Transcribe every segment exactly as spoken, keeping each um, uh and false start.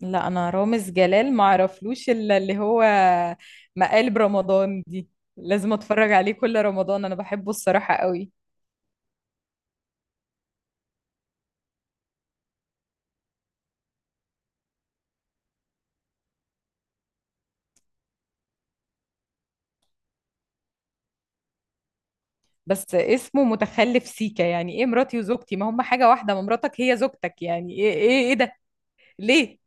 لا، انا رامز جلال ما اعرفلوش الا اللي هو مقالب رمضان دي. لازم اتفرج عليه كل رمضان، انا بحبه الصراحة قوي. بس اسمه متخلف سيكا، يعني ايه مراتي وزوجتي؟ ما هم حاجة واحدة، ما مراتك هي زوجتك، يعني ايه ايه ايه ده؟ ليه؟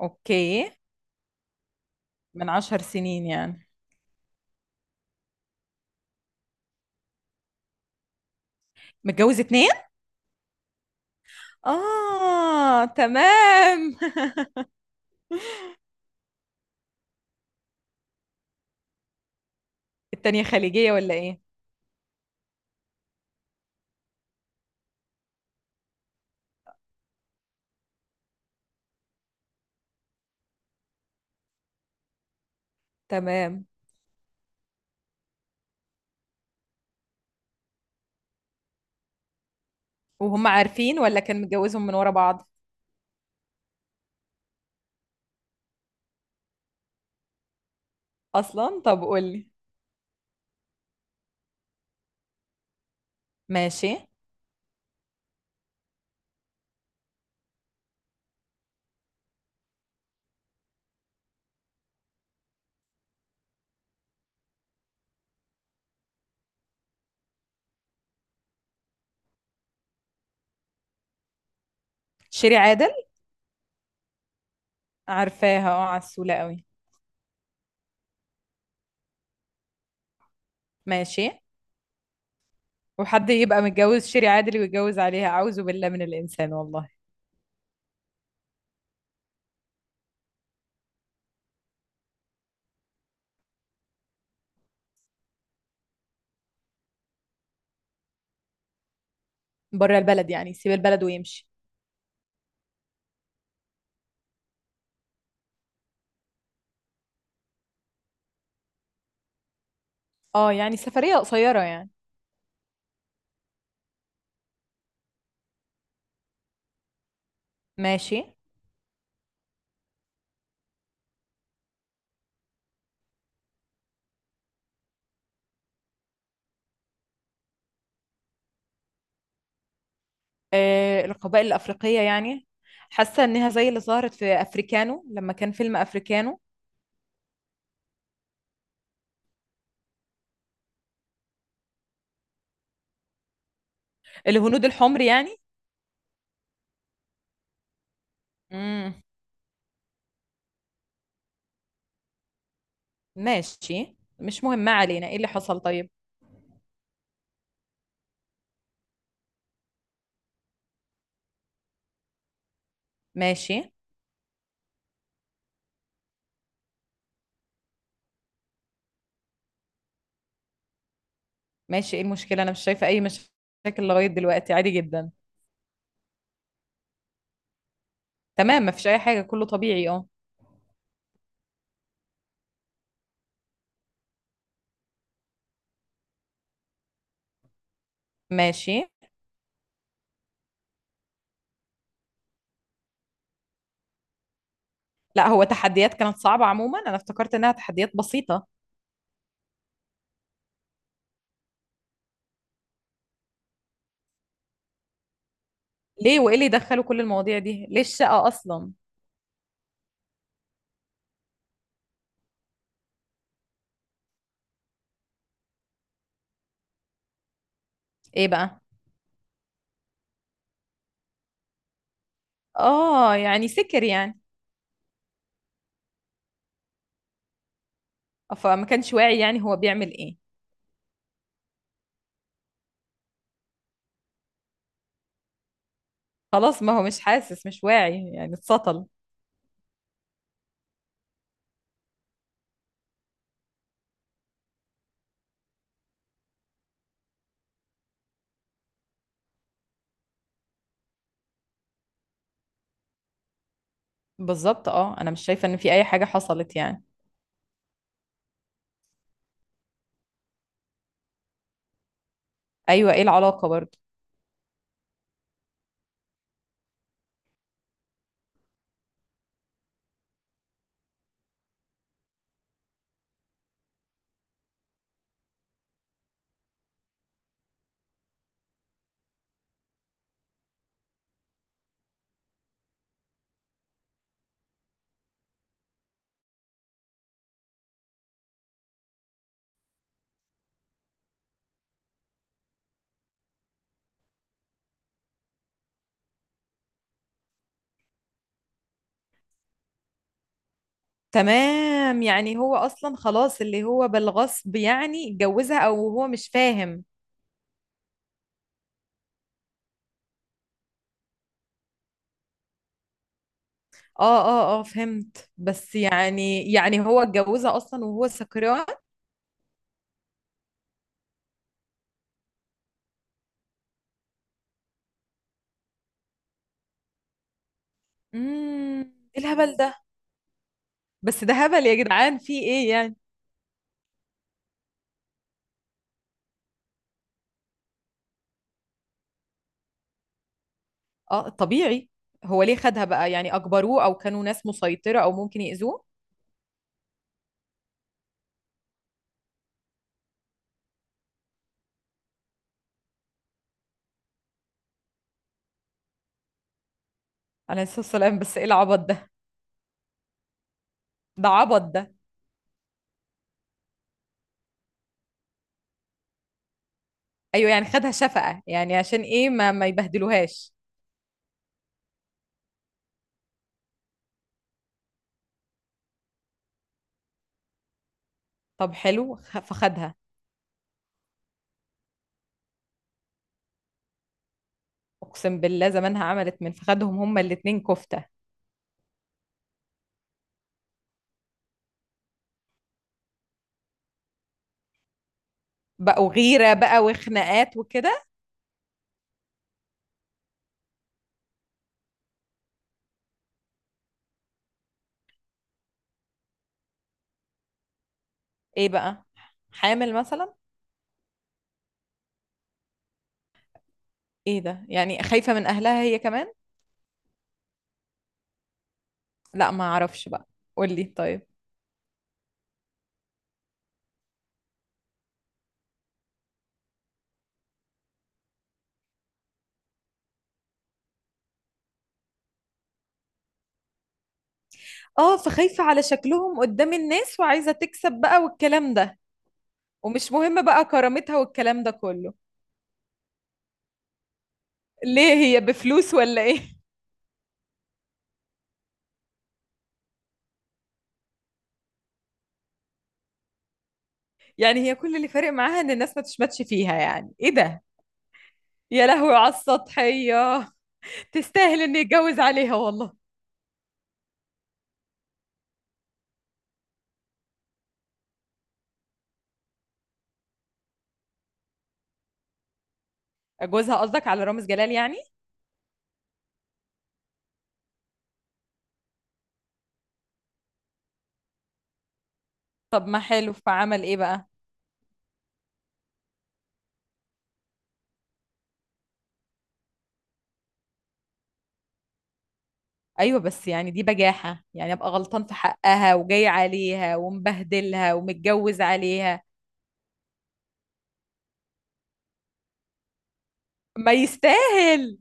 اوكي. من عشر سنين يعني. متجوز اتنين. اه تمام. التانية خليجية ولا ايه؟ تمام. وهم عارفين ولا كان متجوزهم من ورا بعض اصلا؟ طب قولي. ماشي. شيري عادل. عارفاها، اه عسولة قوي. ماشي. وحد يبقى متجوز شيري عادل ويتجوز عليها؟ أعوذ بالله من الإنسان والله. بره البلد يعني، سيب البلد ويمشي. اه يعني سفرية قصيرة يعني. ماشي. آه القبائل الأفريقية يعني. حاسة إنها زي اللي ظهرت في أفريكانو، لما كان فيلم أفريكانو. الهنود الحمر يعني. امم ماشي، مش مهم، ما علينا، ايه اللي حصل طيب؟ ماشي. ماشي، ايه المشكلة؟ أنا مش شايفة أي مشاكل لغاية دلوقتي، عادي جدا. تمام، مفيش أي حاجة، كله طبيعي اه. ماشي. لا هو تحديات كانت صعبة عموما، أنا افتكرت إنها تحديات بسيطة. ليه؟ وإيه اللي دخلوا كل المواضيع دي؟ ليه الشقة أصلا؟ إيه بقى؟ آه يعني سكر يعني. فما كانش واعي، يعني هو بيعمل إيه؟ خلاص ما هو مش حاسس مش واعي يعني، اتسطل. بالظبط. آه أنا مش شايفة إن في أي حاجة حصلت يعني. أيوة، إيه العلاقة برضه؟ تمام، يعني هو أصلا خلاص اللي هو بالغصب يعني اتجوزها، أو هو مش فاهم. اه اه اه فهمت، بس يعني يعني هو اتجوزها اصلا وهو سكران. امم، ايه الهبل ده؟ بس ده هبل يا جدعان، في ايه يعني؟ اه طبيعي. هو ليه خدها بقى؟ يعني اجبروه او كانوا ناس مسيطرة او ممكن يأذوه؟ عليه الصلاة والسلام، بس ايه العبط ده؟ ده عبط ده. ايوه يعني خدها شفقة، يعني عشان ايه؟ ما ما يبهدلوهاش. طب حلو. خ- فخدها. اقسم بالله زمانها عملت من فخدهم هما الاتنين كفتة. بقوا غيرة بقى وخناقات وكده. ايه بقى؟ حامل مثلا؟ ايه ده؟ يعني خايفة من اهلها هي كمان؟ لا ما اعرفش بقى، قولي طيب. اه فخايفة على شكلهم قدام الناس، وعايزة تكسب بقى والكلام ده. ومش مهم بقى كرامتها والكلام ده كله. ليه؟ هي بفلوس ولا ايه؟ يعني هي كل اللي فارق معاها ان الناس ما تشمتش فيها، يعني ايه ده؟ يا لهوي على السطحية. تستاهل ان يتجوز عليها والله. جوزها قصدك، على رامز جلال يعني؟ طب ما حلو، فعمل ايه بقى؟ ايوه بس يعني دي بجاحة، يعني ابقى غلطان في حقها وجاي عليها ومبهدلها ومتجوز عليها. ما يستاهل.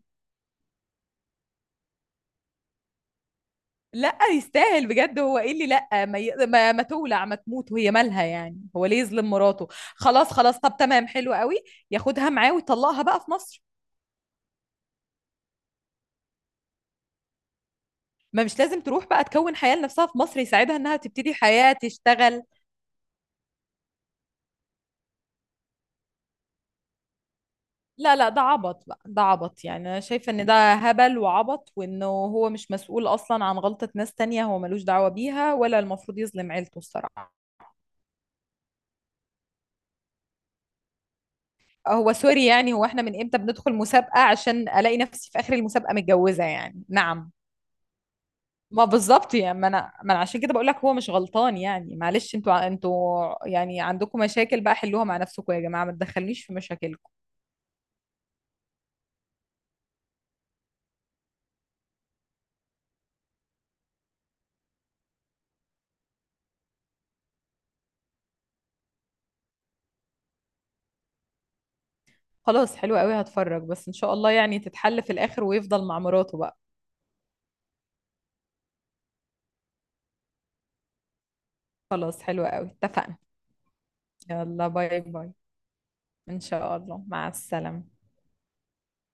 لا يستاهل بجد، هو ايه اللي لا ما, ي... ما ما تولع ما تموت وهي مالها يعني؟ هو ليه يظلم مراته؟ خلاص خلاص، طب تمام حلو قوي. ياخدها معاه ويطلقها بقى في مصر. ما مش لازم تروح بقى، تكون حياة لنفسها في مصر، يساعدها انها تبتدي حياة تشتغل. لا لا ده عبط بقى، ده عبط، يعني انا شايفة ان ده هبل وعبط، وانه هو مش مسؤول اصلا عن غلطة ناس تانية، هو ملوش دعوة بيها، ولا المفروض يظلم عيلته الصراحة. هو سوري يعني، هو احنا من امتى بندخل مسابقة عشان الاقي نفسي في اخر المسابقة متجوزة؟ يعني نعم. ما بالظبط، يعني ما انا ما انا عشان كده بقول لك هو مش غلطان يعني، معلش انتوا ع- انتوا يعني عندكم مشاكل بقى حلوها مع نفسكم يا جماعه، ما تدخلنيش في مشاكلكم. خلاص حلو قوي، هتفرج، بس ان شاء الله يعني تتحل في الاخر ويفضل مع مراته بقى. خلاص حلو قوي، اتفقنا. يلا باي باي. ان شاء الله، مع السلامه.